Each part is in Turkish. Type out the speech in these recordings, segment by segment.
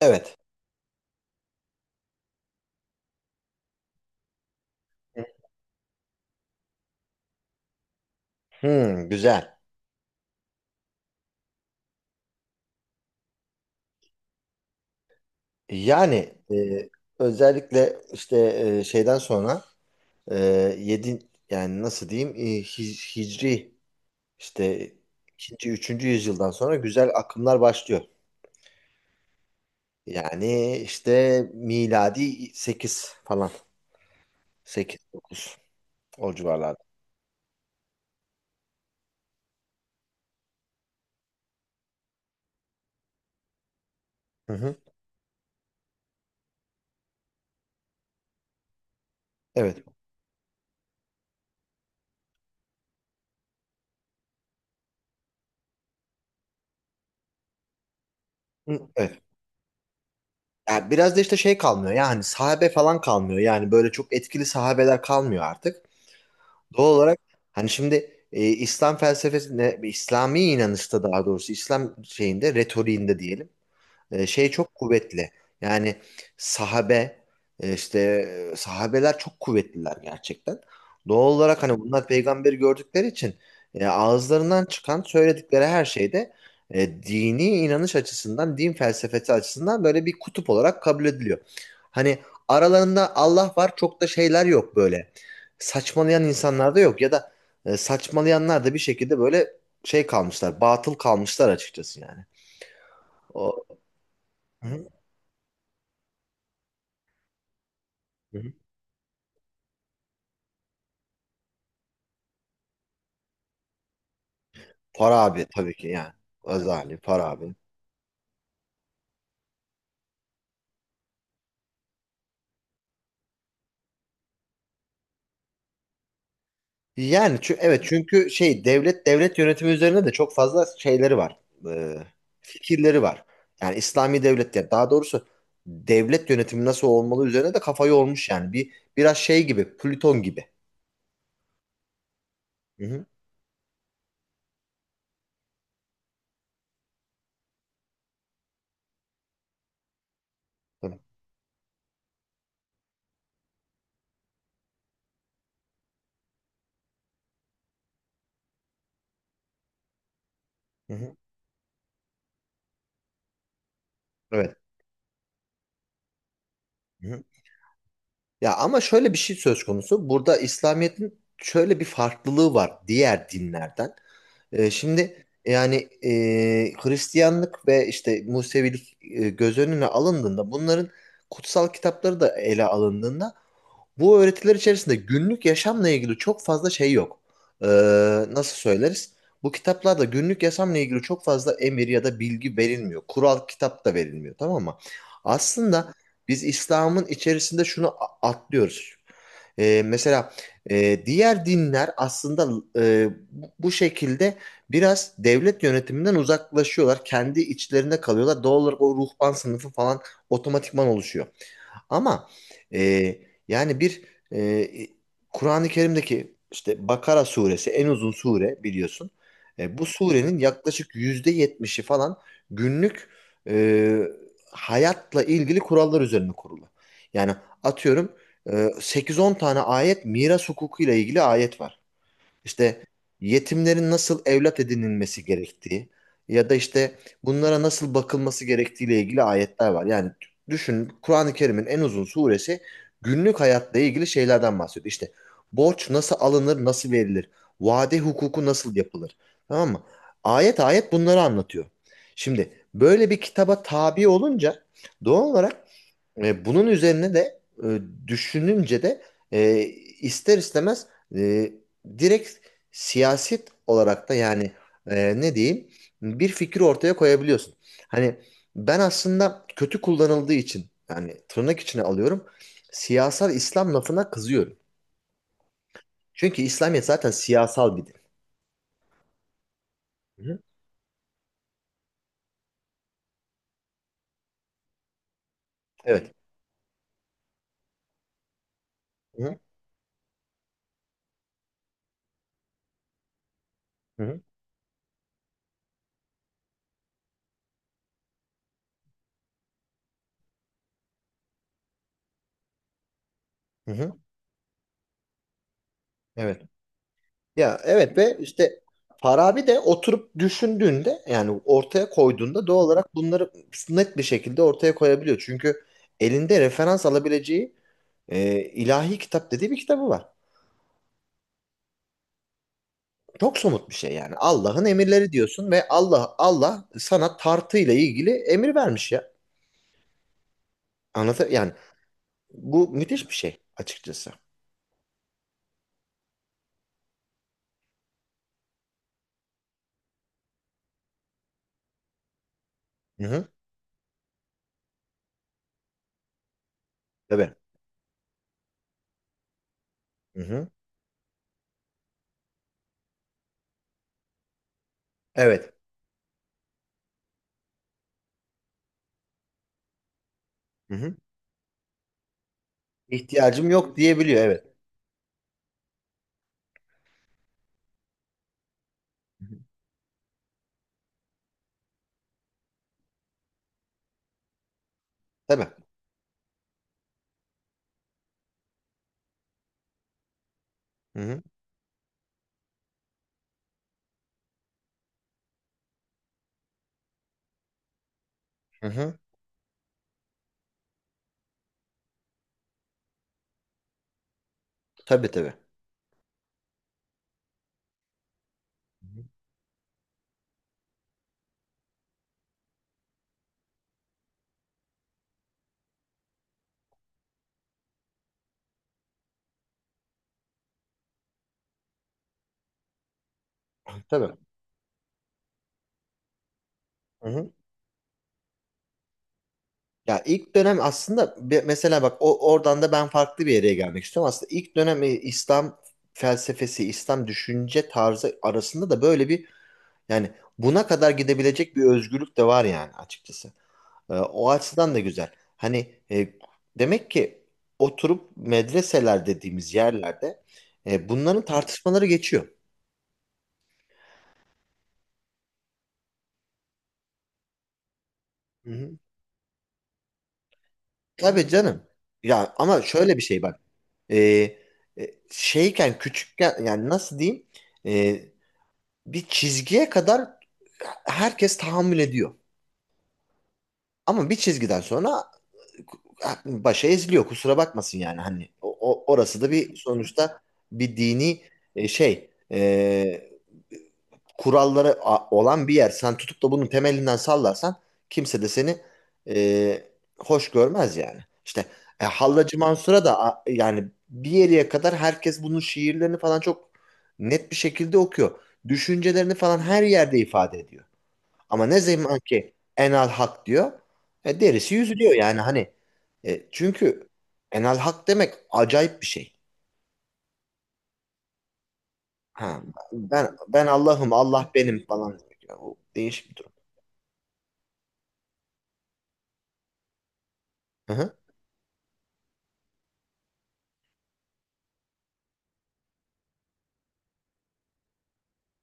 Evet. Hmm, güzel. Yani özellikle işte şeyden sonra e, yedi yani nasıl diyeyim hicri işte ikinci üçüncü yüzyıldan sonra güzel akımlar başlıyor. Yani işte miladi 8 falan sekiz dokuz o civarlarda. Hı hı. Evet. Hı, evet. Yani biraz da işte şey kalmıyor yani sahabe falan kalmıyor yani böyle çok etkili sahabeler kalmıyor artık. Doğal olarak hani şimdi İslam felsefesinde, İslami inanışta daha doğrusu İslam şeyinde, retoriğinde diyelim. Şey çok kuvvetli. Yani sahabe e, işte sahabeler çok kuvvetliler gerçekten. Doğal olarak hani bunlar peygamberi gördükleri için ağızlarından çıkan söyledikleri her şeyde dini inanış açısından, din felsefesi açısından böyle bir kutup olarak kabul ediliyor. Hani aralarında Allah var çok da şeyler yok böyle. Saçmalayan insanlar da yok ya da saçmalayanlar da bir şekilde böyle şey kalmışlar, batıl kalmışlar açıkçası yani. O... Hı hı. Para abi tabii ki yani. Azali, para abi. Yani evet çünkü şey devlet yönetimi üzerine de çok fazla şeyleri var. Ee, Fikirleri var. Yani İslami devlet ya daha doğrusu devlet yönetimi nasıl olmalı üzerine de kafayı olmuş yani. Biraz şey gibi, Plüton gibi. Hı hı. Tabii. Hı hı. Evet. Hı hı. Ya ama şöyle bir şey söz konusu. Burada İslamiyet'in şöyle bir farklılığı var diğer dinlerden. Şimdi yani e, Hristiyanlık ve işte Musevilik göz önüne alındığında bunların kutsal kitapları da ele alındığında bu öğretiler içerisinde günlük yaşamla ilgili çok fazla şey yok. Ee, Nasıl söyleriz? Bu kitaplarda günlük yaşamla ilgili çok fazla emir ya da bilgi verilmiyor. Kural kitap da verilmiyor, tamam mı? Aslında biz İslam'ın içerisinde şunu atlıyoruz. Mesela diğer dinler aslında bu şekilde biraz devlet yönetiminden uzaklaşıyorlar. Kendi içlerinde kalıyorlar. Doğal olarak o ruhban sınıfı falan otomatikman oluşuyor. Ama e, yani bir e, e, Kur'an-ı Kerim'deki işte Bakara suresi en uzun sure biliyorsun. Bu surenin yaklaşık %70'i falan günlük e, hayatla ilgili kurallar üzerine kurulu. Yani atıyorum e, 8-10 tane ayet miras hukukuyla ilgili ayet var. İşte yetimlerin nasıl evlat edinilmesi gerektiği ya da işte bunlara nasıl bakılması gerektiğiyle ilgili ayetler var. Yani düşün Kur'an-ı Kerim'in en uzun suresi günlük hayatla ilgili şeylerden bahsediyor. İşte borç nasıl alınır, nasıl verilir, vade hukuku nasıl yapılır. Tamam mı? Ayet ayet bunları anlatıyor. Şimdi böyle bir kitaba tabi olunca doğal olarak bunun üzerine de düşününce de e, ister istemez e, direkt siyaset olarak da yani ne diyeyim bir fikri ortaya koyabiliyorsun. Hani ben aslında kötü kullanıldığı için yani tırnak içine alıyorum siyasal İslam lafına kızıyorum. Çünkü İslamiyet zaten siyasal bir din. Hı hı. Evet. Hı hı. Hı hı. Hı hı. Evet. Ya evet ve işte Farabi de oturup düşündüğünde yani ortaya koyduğunda doğal olarak bunları net bir şekilde ortaya koyabiliyor. Çünkü elinde referans alabileceği ilahi kitap dediği bir kitabı var. Çok somut bir şey yani. Allah'ın emirleri diyorsun ve Allah sana tartıyla ilgili emir vermiş ya. Anlatır yani bu müthiş bir şey açıkçası. Hı hı. Tabii. Hı hı. Evet. Hı hı. İhtiyacım yok diyebiliyor evet. Hı hı. Tabii. Hı hı. Hı hı. Tabii tabii. Tabii. Hı hı. Ya ilk dönem aslında mesela bak o oradan da ben farklı bir yere gelmek istiyorum. Aslında ilk dönem İslam felsefesi, İslam düşünce tarzı arasında da böyle bir yani buna kadar gidebilecek bir özgürlük de var yani açıkçası. O açıdan da güzel. Hani demek ki oturup medreseler dediğimiz yerlerde bunların tartışmaları geçiyor. Tabii canım. Ya ama şöyle bir şey bak. Ee, Şeyken küçükken yani nasıl diyeyim? Ee, Bir çizgiye kadar herkes tahammül ediyor. Ama bir çizgiden sonra başa eziliyor kusura bakmasın yani hani orası da bir sonuçta bir dini e, şey e, kuralları olan bir yer sen tutup da bunun temelinden sallarsan kimse de seni e, hoş görmez yani işte Hallacı Mansur'a da yani bir yere kadar herkes bunun şiirlerini falan çok net bir şekilde okuyor düşüncelerini falan her yerde ifade ediyor. Ama ne zaman ki Enal Hak diyor, derisi yüzülüyor yani hani. Çünkü Enal Hak demek acayip bir şey. Ha, ben Allah'ım, Allah benim falan demek. Yani o değişik bir durum. Hı hı,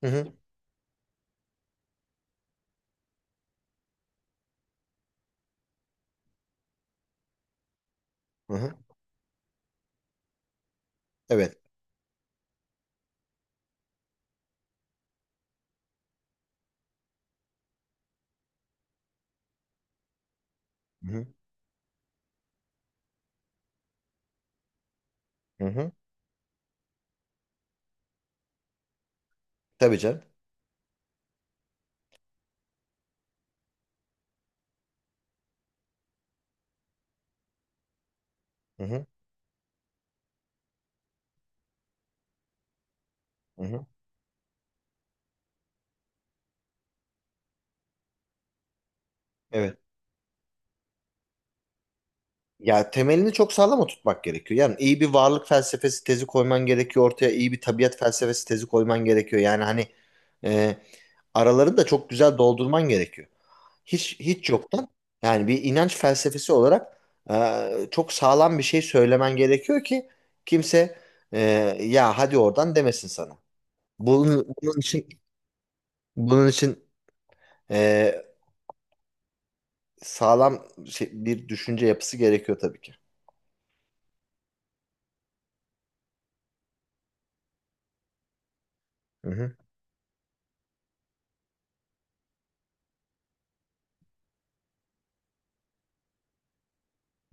hı hı, hı hı. Evet. Hı hı, hı hı. Tabii canım. Hı hı, hı hı. Evet. Ya temelini çok sağlam oturtmak gerekiyor. Yani iyi bir varlık felsefesi tezi koyman gerekiyor ortaya, iyi bir tabiat felsefesi tezi koyman gerekiyor. Yani hani e, aralarını da çok güzel doldurman gerekiyor. Hiç yoktan yani bir inanç felsefesi olarak çok sağlam bir şey söylemen gerekiyor ki kimse e, ya hadi oradan demesin sana. Bunun, bunun için bunun için e, sağlam bir düşünce yapısı gerekiyor tabii ki. Hı hı.